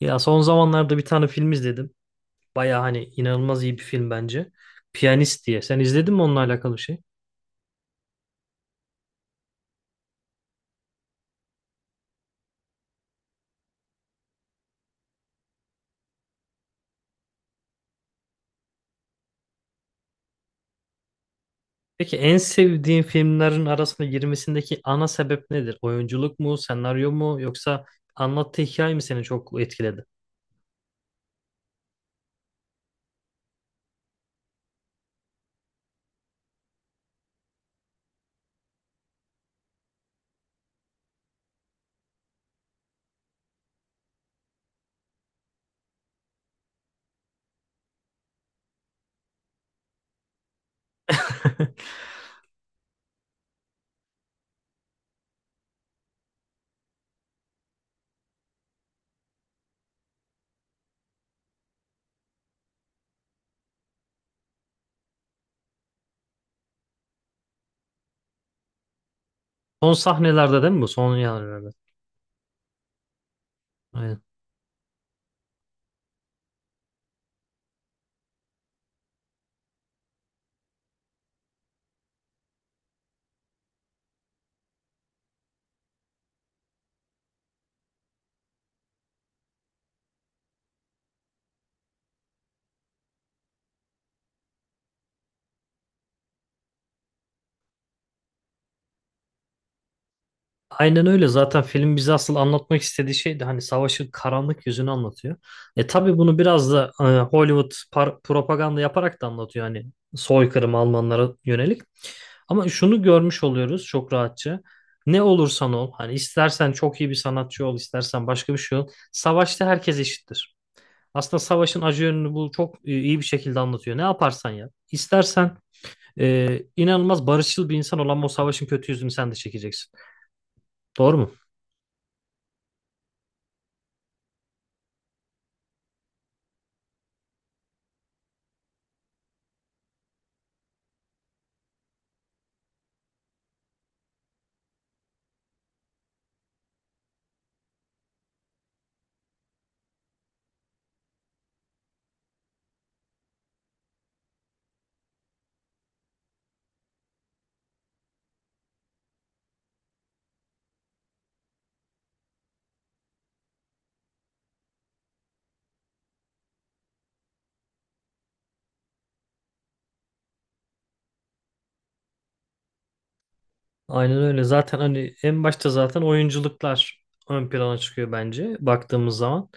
Ya son zamanlarda bir tane film izledim. Baya hani inanılmaz iyi bir film bence. Piyanist diye. Sen izledin mi onunla alakalı şey? Peki en sevdiğin filmlerin arasında girmesindeki ana sebep nedir? Oyunculuk mu, senaryo mu yoksa anlattığı hikaye mi seni çok etkiledi? Son sahnelerde değil mi bu? Son yerlerde. Aynen. Aynen öyle. Zaten film bize asıl anlatmak istediği şey de hani savaşın karanlık yüzünü anlatıyor. E tabii bunu biraz da Hollywood propaganda yaparak da anlatıyor, hani soykırım Almanlara yönelik. Ama şunu görmüş oluyoruz çok rahatça. Ne olursan ol, hani istersen çok iyi bir sanatçı ol, istersen başka bir şey ol. Savaşta herkes eşittir. Aslında savaşın acı yönünü bu çok iyi bir şekilde anlatıyor. Ne yaparsan yap. İstersen inanılmaz barışçıl bir insan olan o savaşın kötü yüzünü sen de çekeceksin. Doğru mu? Aynen öyle. Zaten hani en başta zaten oyunculuklar ön plana çıkıyor bence baktığımız zaman.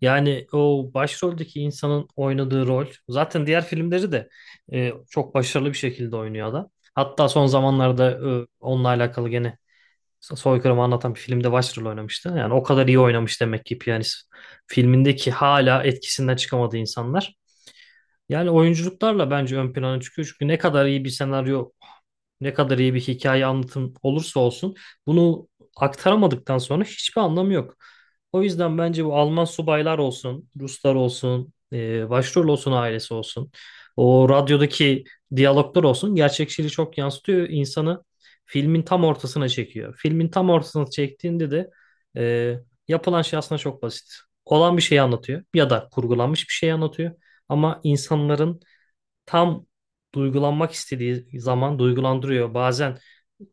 Yani o başroldeki insanın oynadığı rol zaten diğer filmleri de çok başarılı bir şekilde oynuyor adam. Hatta son zamanlarda onunla alakalı gene soykırımı anlatan bir filmde başrol oynamıştı. Yani o kadar iyi oynamış demek ki piyanist. Filmindeki hala etkisinden çıkamadığı insanlar. Yani oyunculuklarla bence ön plana çıkıyor. Çünkü ne kadar iyi bir senaryo ne kadar iyi bir hikaye anlatım olursa olsun bunu aktaramadıktan sonra hiçbir anlamı yok. O yüzden bence bu Alman subaylar olsun, Ruslar olsun, başrol olsun, ailesi olsun, o radyodaki diyaloglar olsun gerçekçiliği çok yansıtıyor. İnsanı filmin tam ortasına çekiyor. Filmin tam ortasına çektiğinde de e, yapılan şey aslında çok basit. Olan bir şeyi anlatıyor ya da kurgulanmış bir şey anlatıyor. Ama insanların tam duygulanmak istediği zaman duygulandırıyor. Bazen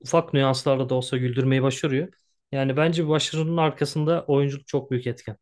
ufak nüanslarla da olsa güldürmeyi başarıyor. Yani bence bu başarının arkasında oyunculuk çok büyük etken.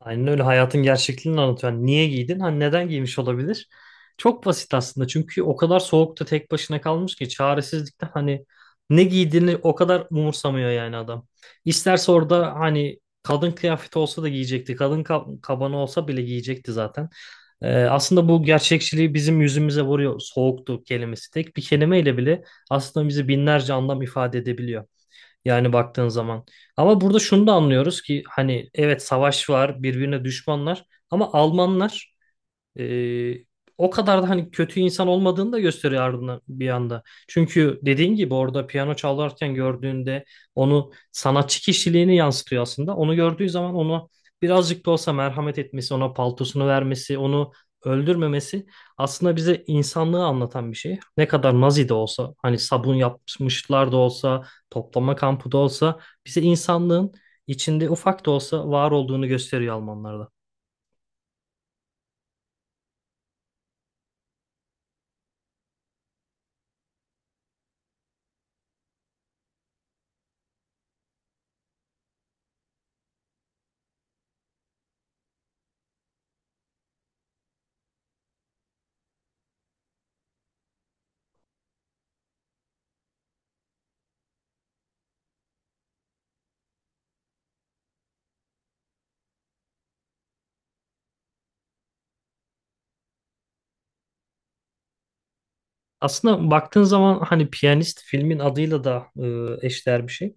Aynen öyle, hayatın gerçekliğini anlatıyor. Hani niye giydin? Hani neden giymiş olabilir? Çok basit aslında. Çünkü o kadar soğukta tek başına kalmış ki çaresizlikten hani ne giydiğini o kadar umursamıyor yani adam. İsterse orada hani kadın kıyafeti olsa da giyecekti. Kadın kabanı olsa bile giyecekti zaten. Aslında bu gerçekçiliği bizim yüzümüze vuruyor soğuktu kelimesi. Tek bir kelimeyle bile aslında bizi binlerce anlam ifade edebiliyor. Yani baktığın zaman. Ama burada şunu da anlıyoruz ki hani evet savaş var, birbirine düşmanlar ama Almanlar ee, o kadar da hani kötü insan olmadığını da gösteriyor ardından bir anda. Çünkü dediğin gibi orada piyano çalarken gördüğünde onu sanatçı kişiliğini yansıtıyor aslında. Onu gördüğü zaman onu birazcık da olsa merhamet etmesi, ona paltosunu vermesi, onu öldürmemesi aslında bize insanlığı anlatan bir şey. Ne kadar Nazi de olsa, hani sabun yapmışlar da olsa, toplama kampı da olsa bize insanlığın içinde ufak da olsa var olduğunu gösteriyor Almanlarda. Aslında baktığın zaman hani Piyanist filmin adıyla da eşdeğer bir şey.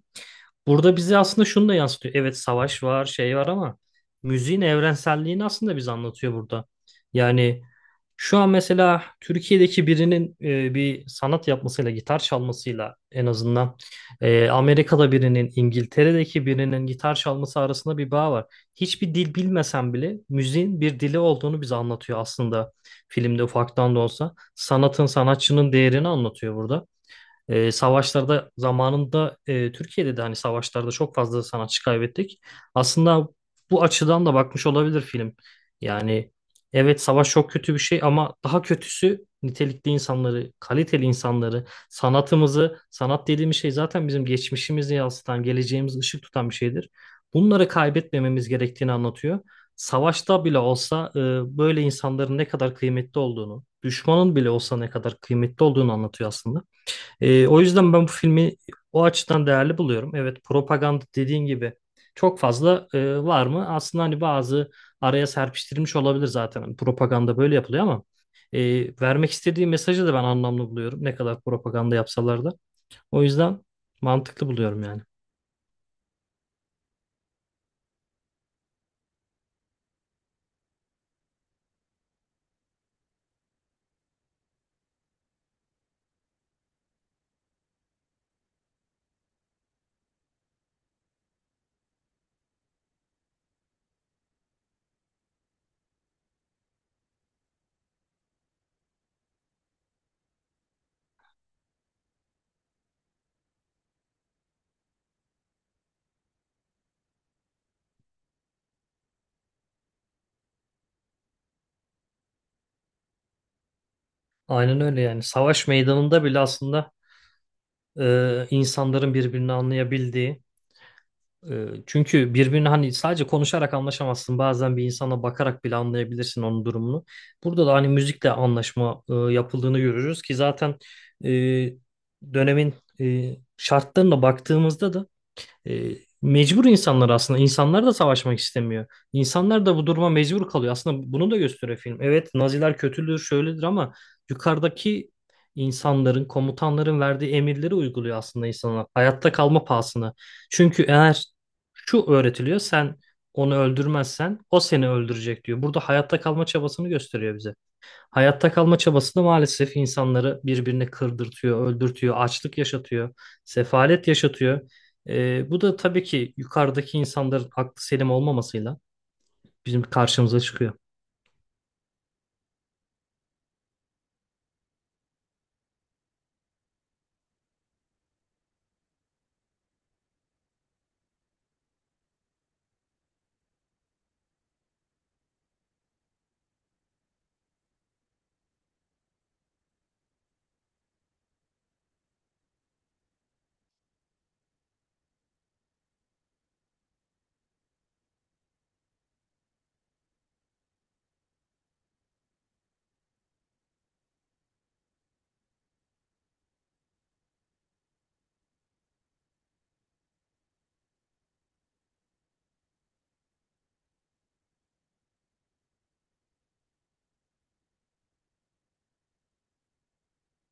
Burada bize aslında şunu da yansıtıyor. Evet savaş var, şey var ama müziğin evrenselliğini aslında bize anlatıyor burada. Yani şu an mesela Türkiye'deki birinin bir sanat yapmasıyla, gitar çalmasıyla en azından Amerika'da birinin, İngiltere'deki birinin gitar çalması arasında bir bağ var. Hiçbir dil bilmesen bile müziğin bir dili olduğunu bize anlatıyor aslında filmde ufaktan da olsa. Sanatın, sanatçının değerini anlatıyor burada. E, savaşlarda zamanında Türkiye'de de hani savaşlarda çok fazla sanatçı kaybettik. Aslında bu açıdan da bakmış olabilir film. Yani evet savaş çok kötü bir şey ama daha kötüsü nitelikli insanları, kaliteli insanları, sanatımızı, sanat dediğimiz şey zaten bizim geçmişimizi yansıtan, geleceğimizi ışık tutan bir şeydir. Bunları kaybetmememiz gerektiğini anlatıyor. Savaşta bile olsa böyle insanların ne kadar kıymetli olduğunu, düşmanın bile olsa ne kadar kıymetli olduğunu anlatıyor aslında. O yüzden ben bu filmi o açıdan değerli buluyorum. Evet, propaganda dediğin gibi çok fazla var mı? Aslında hani bazı araya serpiştirilmiş olabilir zaten. Hani propaganda böyle yapılıyor ama e, vermek istediği mesajı da ben anlamlı buluyorum. Ne kadar propaganda yapsalar da. O yüzden mantıklı buluyorum yani. Aynen öyle yani. Savaş meydanında bile aslında insanların birbirini anlayabildiği, çünkü birbirini hani sadece konuşarak anlaşamazsın. Bazen bir insana bakarak bile anlayabilirsin onun durumunu. Burada da hani müzikle anlaşma yapıldığını görürüz ki zaten e, dönemin e, şartlarına baktığımızda da e, mecbur insanlar aslında. İnsanlar da savaşmak istemiyor. İnsanlar da bu duruma mecbur kalıyor. Aslında bunu da gösteriyor film. Evet Naziler kötüdür, şöyledir ama yukarıdaki insanların, komutanların verdiği emirleri uyguluyor aslında insanlar. Hayatta kalma pahasına. Çünkü eğer şu öğretiliyor, sen onu öldürmezsen o seni öldürecek diyor. Burada hayatta kalma çabasını gösteriyor bize. Hayatta kalma çabası da maalesef insanları birbirine kırdırtıyor, öldürtüyor, açlık yaşatıyor, sefalet yaşatıyor. Bu da tabii ki yukarıdaki insanların aklı selim olmamasıyla bizim karşımıza çıkıyor.